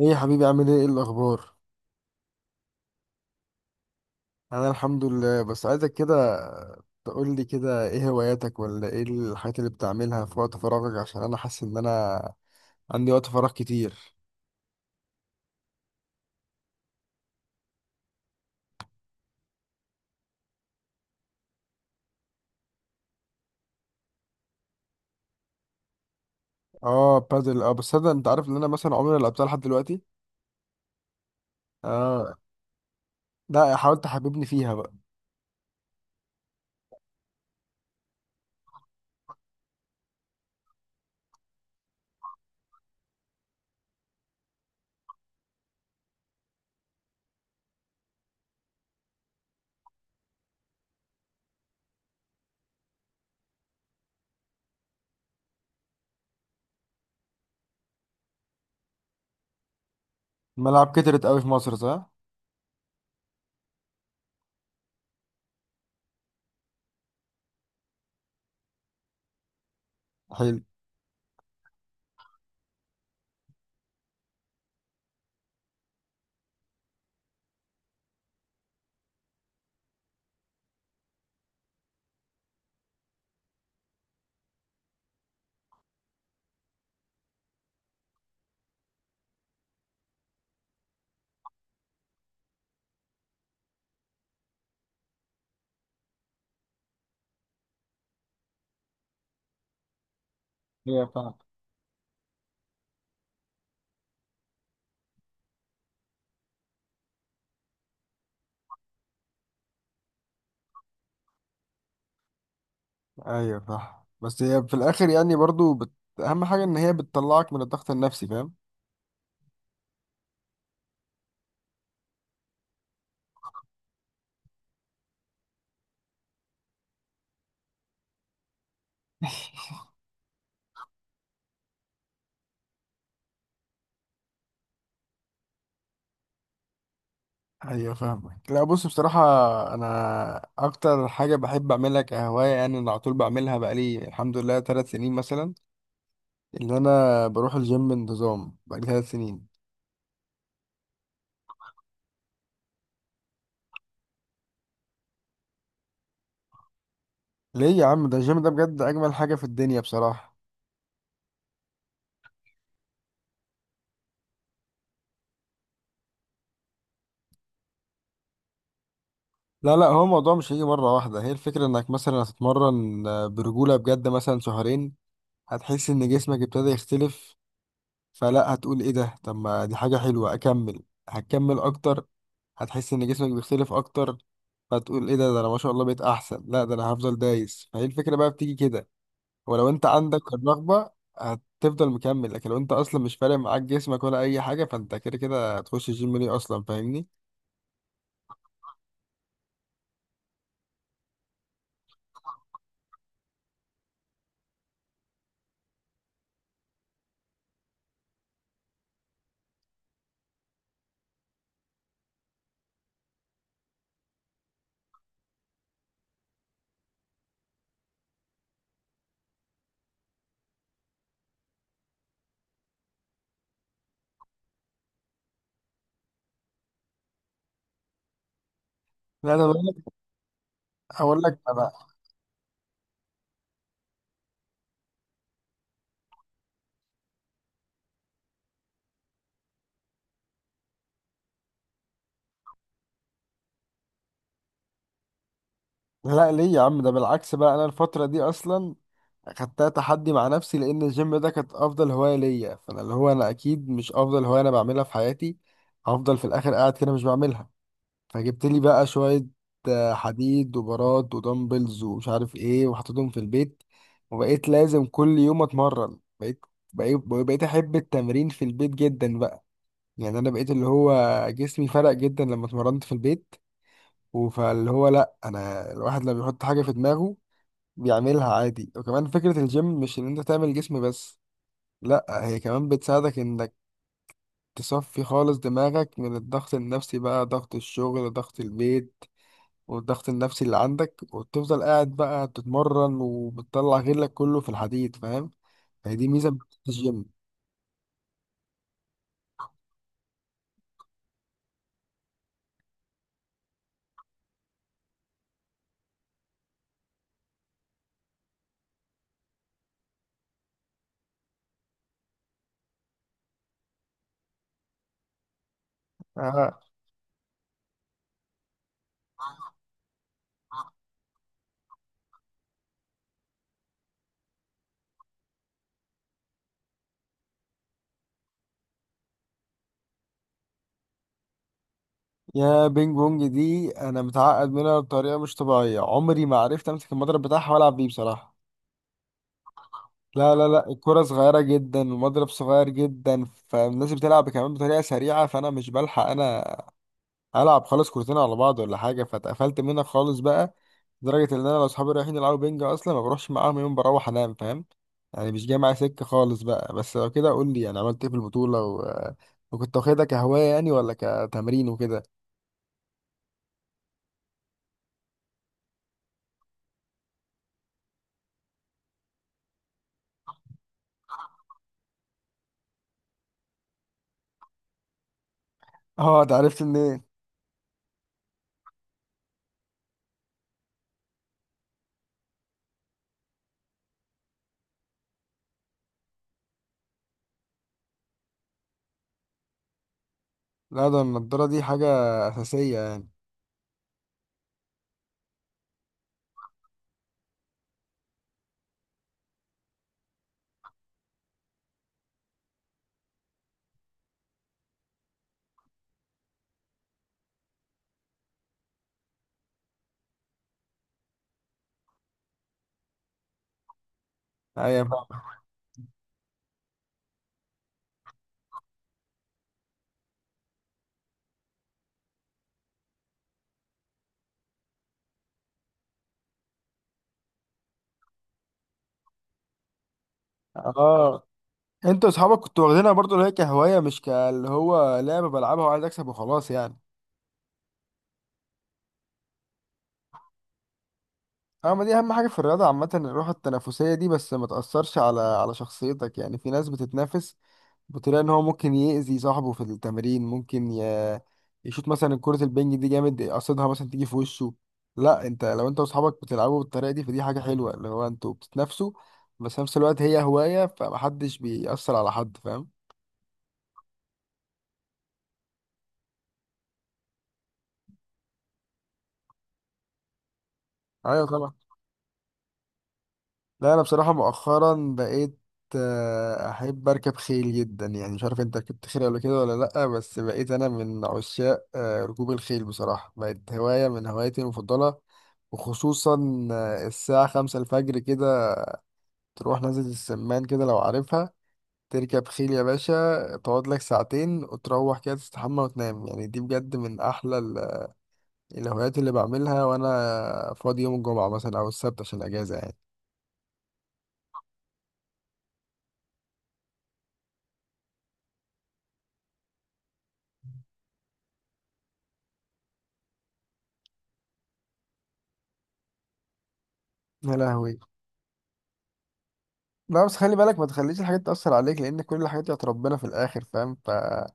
ايه يا حبيبي، عامل ايه؟ ايه الاخبار؟ انا الحمد لله. بس عايزك كده تقول لي كده ايه هواياتك، ولا ايه الحاجات اللي بتعملها في وقت فراغك، عشان انا حاسس ان انا عندي وقت فراغ كتير. اه، بادل. اه بس انا، انت عارف ان انا مثلا عمري ما لعبتها لحد دلوقتي. اه. لا، حاولت تحببني فيها بقى. الملاعب كترت قوي في مصر، صح؟ حلو. هي فعلا. ايوه صح. بس هي في الاخر يعني برضو اهم حاجة ان هي بتطلعك من الضغط النفسي، فاهم؟ ايوه فاهمك. لا بص، بصراحة انا اكتر حاجة بحب اعملها كهواية، يعني انا على طول بعملها بقالي الحمد لله 3 سنين مثلا، اللي انا بروح الجيم بانتظام بقالي 3 سنين. ليه يا عم؟ ده الجيم ده بجد اجمل حاجة في الدنيا بصراحة. لا لا، هو الموضوع مش هيجي مرة واحدة. هي الفكرة انك مثلا هتتمرن برجولة بجد مثلا شهرين، هتحس ان جسمك ابتدى يختلف. فلا، هتقول ايه ده، طب ما دي حاجة حلوة، اكمل. هتكمل اكتر، هتحس ان جسمك بيختلف اكتر، فتقول ايه ده انا ما شاء الله بقيت احسن، لا ده انا هفضل دايس. فهي الفكرة بقى بتيجي كده. ولو انت عندك الرغبة هتفضل مكمل، لكن لو انت اصلا مش فارق معاك جسمك ولا اي حاجة فانت كده كده هتخش الجيم ليه اصلا، فاهمني؟ لا انا بقول لك، هقول لك. لا ليه يا عم؟ ده بالعكس بقى، انا الفترة دي اصلا خدتها تحدي مع نفسي، لان الجيم ده كانت افضل هواية ليا، فانا اللي هو انا اكيد مش افضل هواية انا بعملها في حياتي هفضل في الاخر قاعد كده مش بعملها. فجبت لي بقى شوية حديد وبارات ودمبلز ومش عارف ايه، وحطيتهم في البيت، وبقيت لازم كل يوم اتمرن. بقيت احب التمرين في البيت جدا بقى، يعني انا بقيت اللي هو جسمي فرق جدا لما اتمرنت في البيت. وفاللي هو لا، انا الواحد لما بيحط حاجة في دماغه بيعملها عادي. وكمان فكرة الجيم مش ان انت تعمل جسم بس، لا هي كمان بتساعدك انك تصفي خالص دماغك من الضغط النفسي بقى، ضغط الشغل، ضغط البيت، والضغط النفسي اللي عندك، وتفضل قاعد بقى تتمرن وبتطلع غلك كله في الحديد، فاهم؟ هي دي ميزة بتاعت الجيم. آه. يا بينج بونج دي انا متعقد منها بطريقة مش طبيعية، عمري ما عرفت امسك المضرب بتاعها والعب بيه بصراحة. لا لا لا، الكرة صغيرة جدا، المضرب صغير جدا، فالناس بتلعب كمان بطريقة سريعة، فأنا مش بلحق. أنا ألعب خالص كورتين على بعض ولا حاجة، فاتقفلت منها خالص بقى، لدرجة إن أنا لو صحابي رايحين يلعبوا بينج أصلا ما بروحش معاهم، يوم بروح أنام، فاهم؟ يعني مش جاي معايا سكة خالص بقى. بس لو كده قول لي يعني عملت إيه في البطولة وكنت واخدها كهواية يعني ولا كتمرين وكده؟ أه، ده عرفت منين؟ لا، ده النضارة دي حاجة أساسية يعني. أيوة فاهم. اه، انت واصحابك كنتوا واخدينها برضو اللي هي كهوايه، مش كاللي هو لعبه بلعبها وعايز اكسب وخلاص يعني. اما دي اهم حاجه في الرياضه عامه، الروح التنافسيه دي. بس ما تاثرش على على شخصيتك، يعني في ناس بتتنافس بتلاقي ان هو ممكن يأذي صاحبه في التمرين، ممكن يشوط مثلا كرة البنج دي جامد قصدها مثلا تيجي في وشه. لا انت لو انت واصحابك بتلعبوا بالطريقة دي فدي حاجة حلوة، اللي هو انتوا بتتنافسوا، بس في نفس الوقت هي هواية، فمحدش بيأثر على حد، فاهم؟ ايوه طبعا. لا انا بصراحه مؤخرا بقيت احب اركب خيل جدا، يعني مش عارف انت ركبت خيل قبل كده ولا لا، بس بقيت انا من عشاق ركوب الخيل بصراحه، بقت هوايه من هواياتي المفضله، وخصوصا الساعه 5 الفجر كده تروح نازل السمان كده لو عارفها، تركب خيل يا باشا، تقعد لك ساعتين وتروح كده تستحمى وتنام، يعني دي بجد من احلى الهوايات اللي بعملها وانا فاضي يوم الجمعه مثلا او السبت عشان اجازه يعني. يا لهوي. لا بس خلي بالك، ما تخليش الحاجات تأثر عليك، لأن كل الحاجات دي بتاعت ربنا في الآخر، فاهم؟ فأيا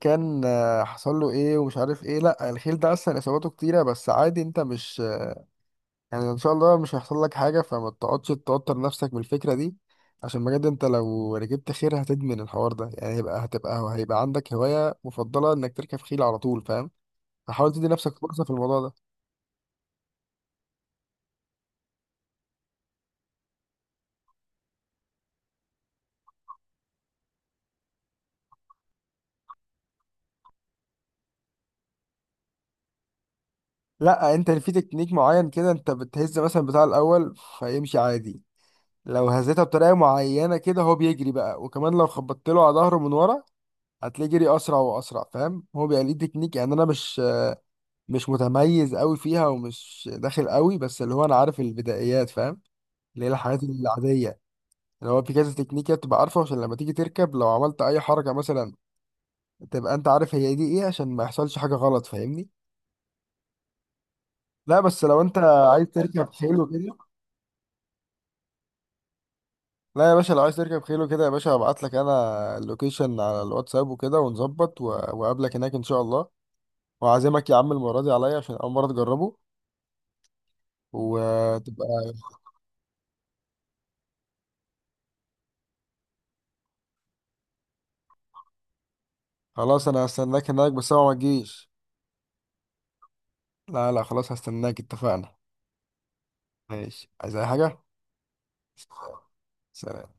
كان حصل له إيه ومش عارف إيه، لا الخيل ده أصلا إصاباته كتيرة، بس عادي، أنت مش يعني إن شاء الله مش هيحصل لك حاجة، فما تقعدش توتر نفسك من الفكرة دي، عشان بجد أنت لو ركبت خيل هتدمن الحوار ده، يعني هيبقى هتبقى هيبقى عندك هواية مفضلة إنك تركب خيل على طول، فاهم؟ فحاول تدي نفسك فرصة في الموضوع ده. لا أنت في تكنيك معين كده، أنت بتهز مثلا بتاع الأول فيمشي عادي، لو هزيتها بطريقه معينه كده هو بيجري بقى، وكمان لو خبطت له على ظهره من ورا هتلاقيه جري اسرع واسرع، فاهم؟ هو بيبقى ليه تكنيك يعني، انا مش متميز قوي فيها ومش داخل قوي، بس اللي هو انا عارف البدايات، فاهم؟ اللي هي الحاجات العاديه، اللي هو في كذا تكنيك تبقى عارفه عشان لما تيجي تركب لو عملت اي حركه مثلا تبقى انت عارف هي دي ايه، عشان ما يحصلش حاجه غلط، فاهمني؟ لا بس لو انت عايز تركب حلو كده، لا يا باشا لو عايز تركب خيل وكده يا باشا هبعت لك انا اللوكيشن على الواتساب وكده ونظبط واقابلك هناك ان شاء الله، وعازمك يا عم المره دي عليا عشان اول مره تجربه وتبقى. خلاص انا هستناك هناك، بس هو ما تجيش. لا لا خلاص، هستناك، اتفقنا. ماشي، عايز اي حاجه؟ سلام.